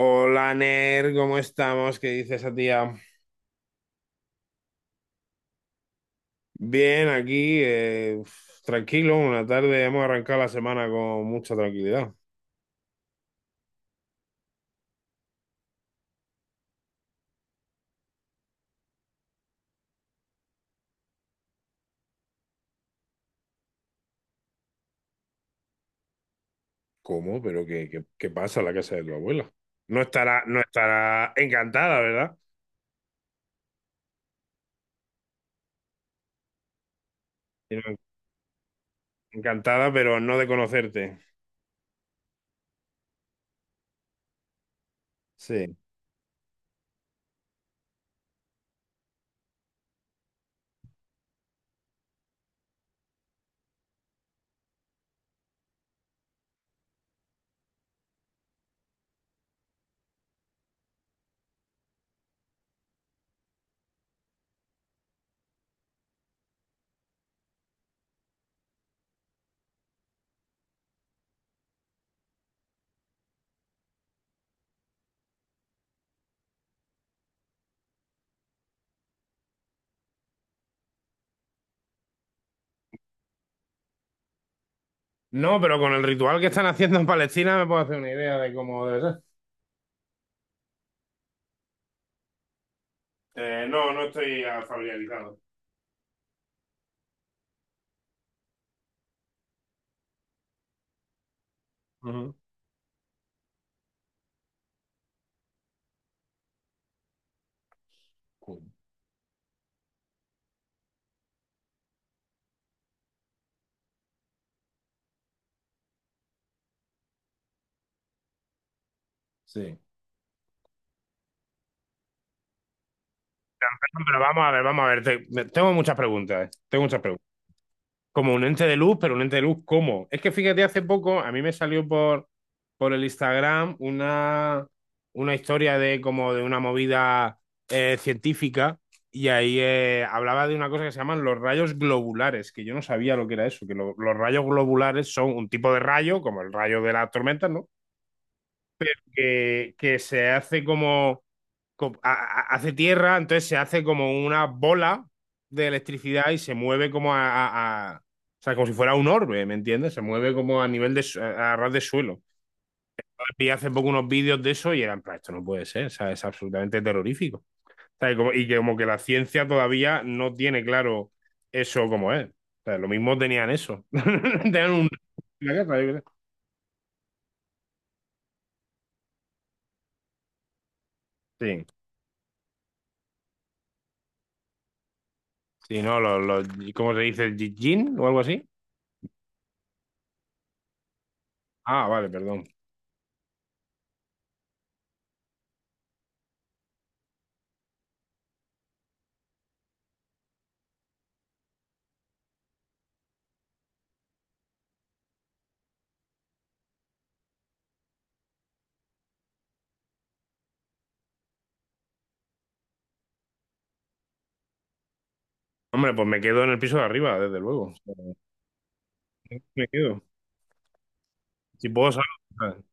Hola, Ner, ¿cómo estamos? ¿Qué dice esa tía? Bien, aquí, uf, tranquilo, una tarde hemos arrancado la semana con mucha tranquilidad. ¿Cómo? ¿Pero qué pasa en la casa de tu abuela? No estará encantada, ¿verdad? Sino encantada, pero no de conocerte. Sí. No, pero con el ritual que están haciendo en Palestina me puedo hacer una idea de cómo debe ser. No estoy familiarizado. Ujú. Cool. Sí. Pero vamos a ver. Tengo muchas preguntas. Tengo muchas preguntas. Como un ente de luz, pero un ente de luz, ¿cómo? Es que fíjate, hace poco a mí me salió por el Instagram una historia de como de una movida científica y ahí hablaba de una cosa que se llaman los rayos globulares, que yo no sabía lo que era eso, que los rayos globulares son un tipo de rayo, como el rayo de las tormentas, ¿no? Que se hace como, hace tierra, entonces se hace como una bola de electricidad y se mueve como o sea, como si fuera un orbe, ¿me entiendes? Se mueve como a nivel de, a ras de suelo. Vi hace poco unos vídeos de eso y eran, "Pero esto no puede ser, o sea, es absolutamente terrorífico. O sea, y como, y que como que la ciencia todavía no tiene claro eso como es. O sea, lo mismo tenían eso. Tenían un... la guerra, yo qué sé. Sí, sí, no, ¿cómo se dice? ¿Jin o algo así? Ah, vale, perdón. Hombre, pues me quedo en el piso de arriba, desde luego. Me quedo. Si puedo salgo, ¿sabes?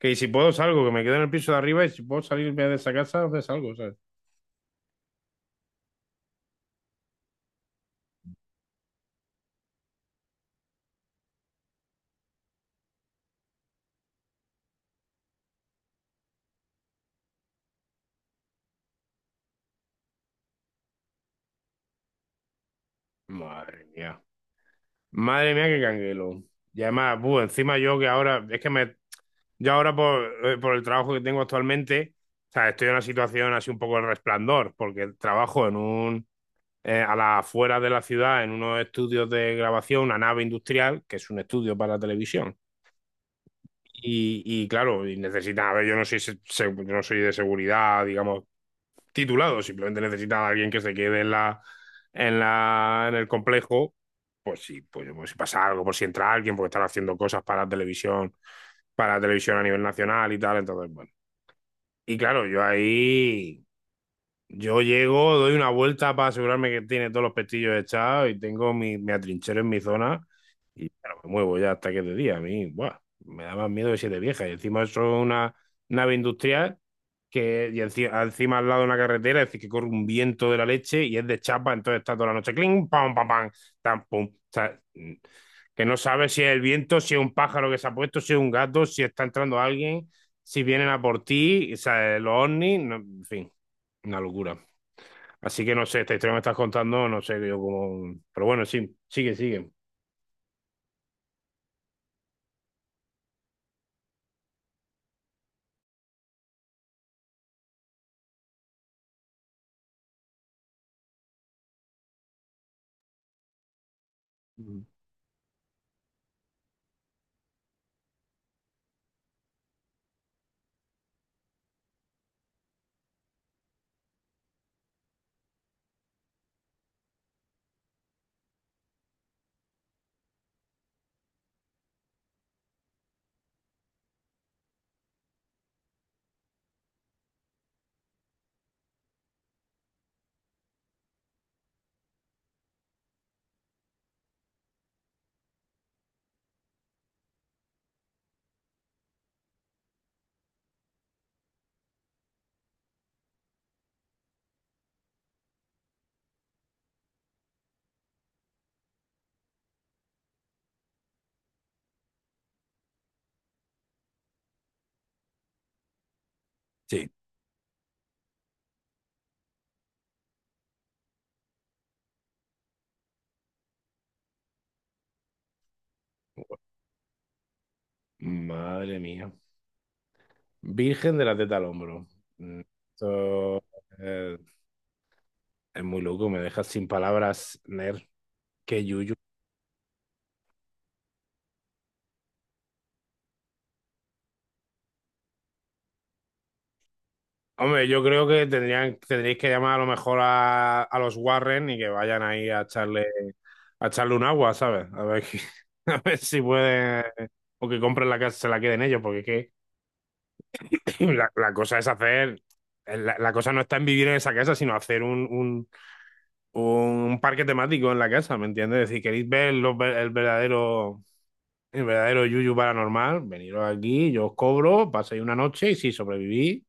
Que si puedo salgo, que me quedo en el piso de arriba y si puedo salirme de esa casa, pues salgo, ¿sabes? Madre mía. Madre mía, qué canguelo. Y además, buh, encima yo que ahora, es que me, yo ahora por el trabajo que tengo actualmente, o sea, estoy en una situación así un poco de resplandor, porque trabajo en un, a las afueras de la ciudad, en unos estudios de grabación, una nave industrial, que es un estudio para televisión. Y claro, y necesitan, a ver, yo no soy, yo no soy de seguridad, digamos, titulado, simplemente necesitan a alguien que se quede en el complejo, pues sí, pues, pues si pasa algo, por si entra alguien, porque están haciendo cosas para la televisión a nivel nacional y tal, entonces, bueno. Y claro, yo ahí. Yo llego, doy una vuelta para asegurarme que tiene todos los pestillos echados y tengo mi, me atrinchero en mi zona y claro, me muevo ya hasta que es de día. A mí, buah, me da más miedo que siete viejas. Y encima eso es una nave industrial que y encima, al lado de una carretera, es decir, que corre un viento de la leche y es de chapa, entonces está toda la noche cling, pam, pam, pam, tam, pum. O sea, que no sabes si es el viento, si es un pájaro que se ha puesto, si es un gato, si está entrando alguien, si vienen a por ti, o sea, los ovnis, en fin, una locura. Así que no sé, esta historia que me estás contando, no sé yo cómo. Pero bueno, sí, sigue, sigue. Ujú. Sí. Madre mía. Virgen de la teta al hombro. Mm, Esto eh, es muy loco, me dejas sin palabras, Ner. Qué yuyu. Hombre, yo creo que tendrían, tendréis que llamar a lo mejor a los Warren y que vayan ahí a echarle un agua, ¿sabes? A ver, que a ver si pueden. O que compren la casa, se la queden ellos, porque es que la cosa es hacer, la cosa no está en vivir en esa casa, sino hacer un parque temático en la casa, ¿me entiendes? Es decir, queréis ver el verdadero yuyu paranormal, veniros aquí, yo os cobro, paséis una noche y si sobrevivís,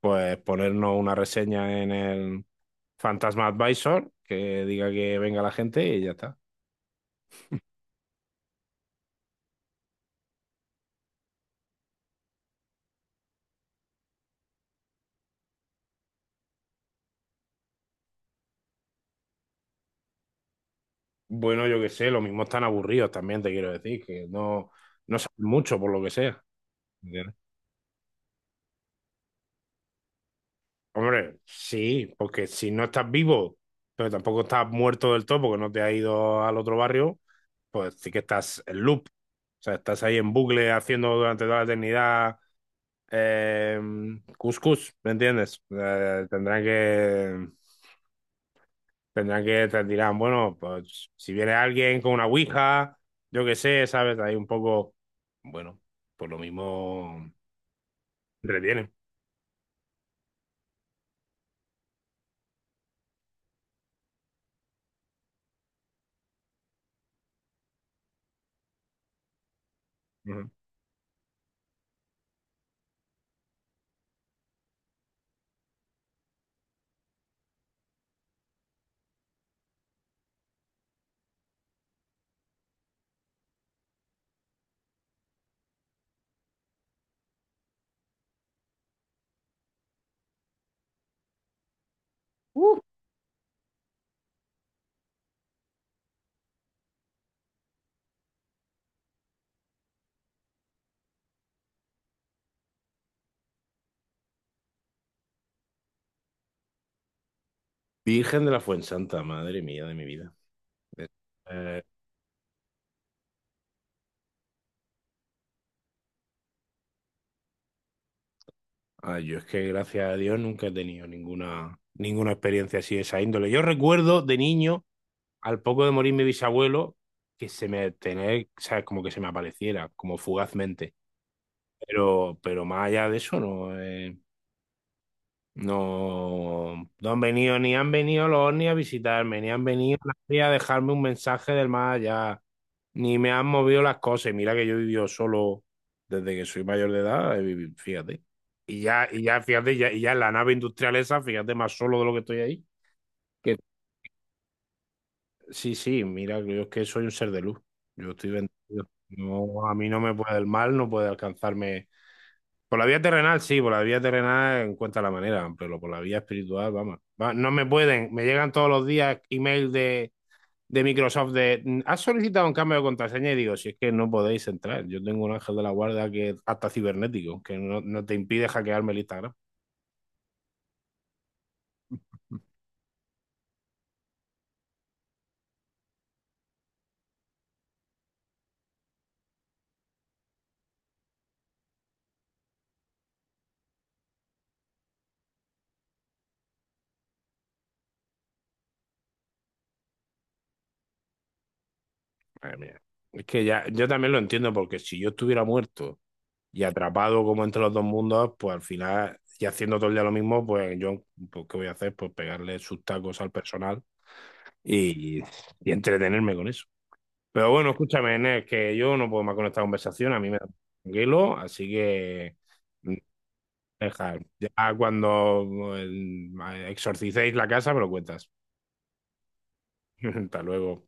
pues ponernos una reseña en el Fantasma Advisor que diga que venga la gente y ya está. Bueno, yo qué sé, lo mismo están aburridos también, te quiero decir, que no, no saben mucho por lo que sea. Hombre, sí, porque si no estás vivo, pero tampoco estás muerto del todo porque no te has ido al otro barrio, pues sí que estás en loop. O sea, estás ahí en bucle haciendo durante toda la eternidad eh, cuscús, ¿me entiendes? Te dirán, bueno, pues si viene alguien con una ouija, yo qué sé, ¿sabes? Ahí un poco, bueno, pues lo mismo retiene. Ujú. Uh, Virgen de la Fuensanta, madre mía de mi vida. Eh, Ah, yo es que gracias a Dios nunca he tenido ninguna experiencia así de esa índole. Yo recuerdo de niño, al poco de morir mi bisabuelo, que se me tener, sabes como que se me apareciera, como fugazmente. Pero más allá de eso, no. No, no han venido, ni han venido los ovnis a visitarme, ni han venido nadie a dejarme un mensaje del más allá, ni me han movido las cosas. Y mira que yo he vivido solo desde que soy mayor de edad, he vivido, fíjate. Fíjate, y ya en la nave industrial esa, fíjate, más solo de lo que estoy ahí. Que, sí, sí, mira, yo es que soy un ser de luz. Yo estoy bendecido. No, a mí no me puede el mal, no puede alcanzarme por la vía terrenal, sí, por la vía terrenal encuentra la manera, pero por la vía espiritual, vamos. No me pueden, me llegan todos los días email de Microsoft de, ¿has solicitado un cambio de contraseña? Y digo, si es que no podéis entrar, yo tengo un ángel de la guarda que es hasta cibernético, que no, no te impide hackearme el Instagram. Madre mía. Es que ya, yo también lo entiendo, porque si yo estuviera muerto y atrapado como entre los dos mundos, pues al final, y haciendo todo el día lo mismo, pues yo, pues, ¿qué voy a hacer? Pues pegarle sus tacos al personal y, y entretenerme con eso. Pero bueno, escúchame, Enes, que yo no puedo más con esta conversación, a mí me da tranquilo, así que mm, deja, ya cuando exorcicéis la casa me lo cuentas. Hasta luego.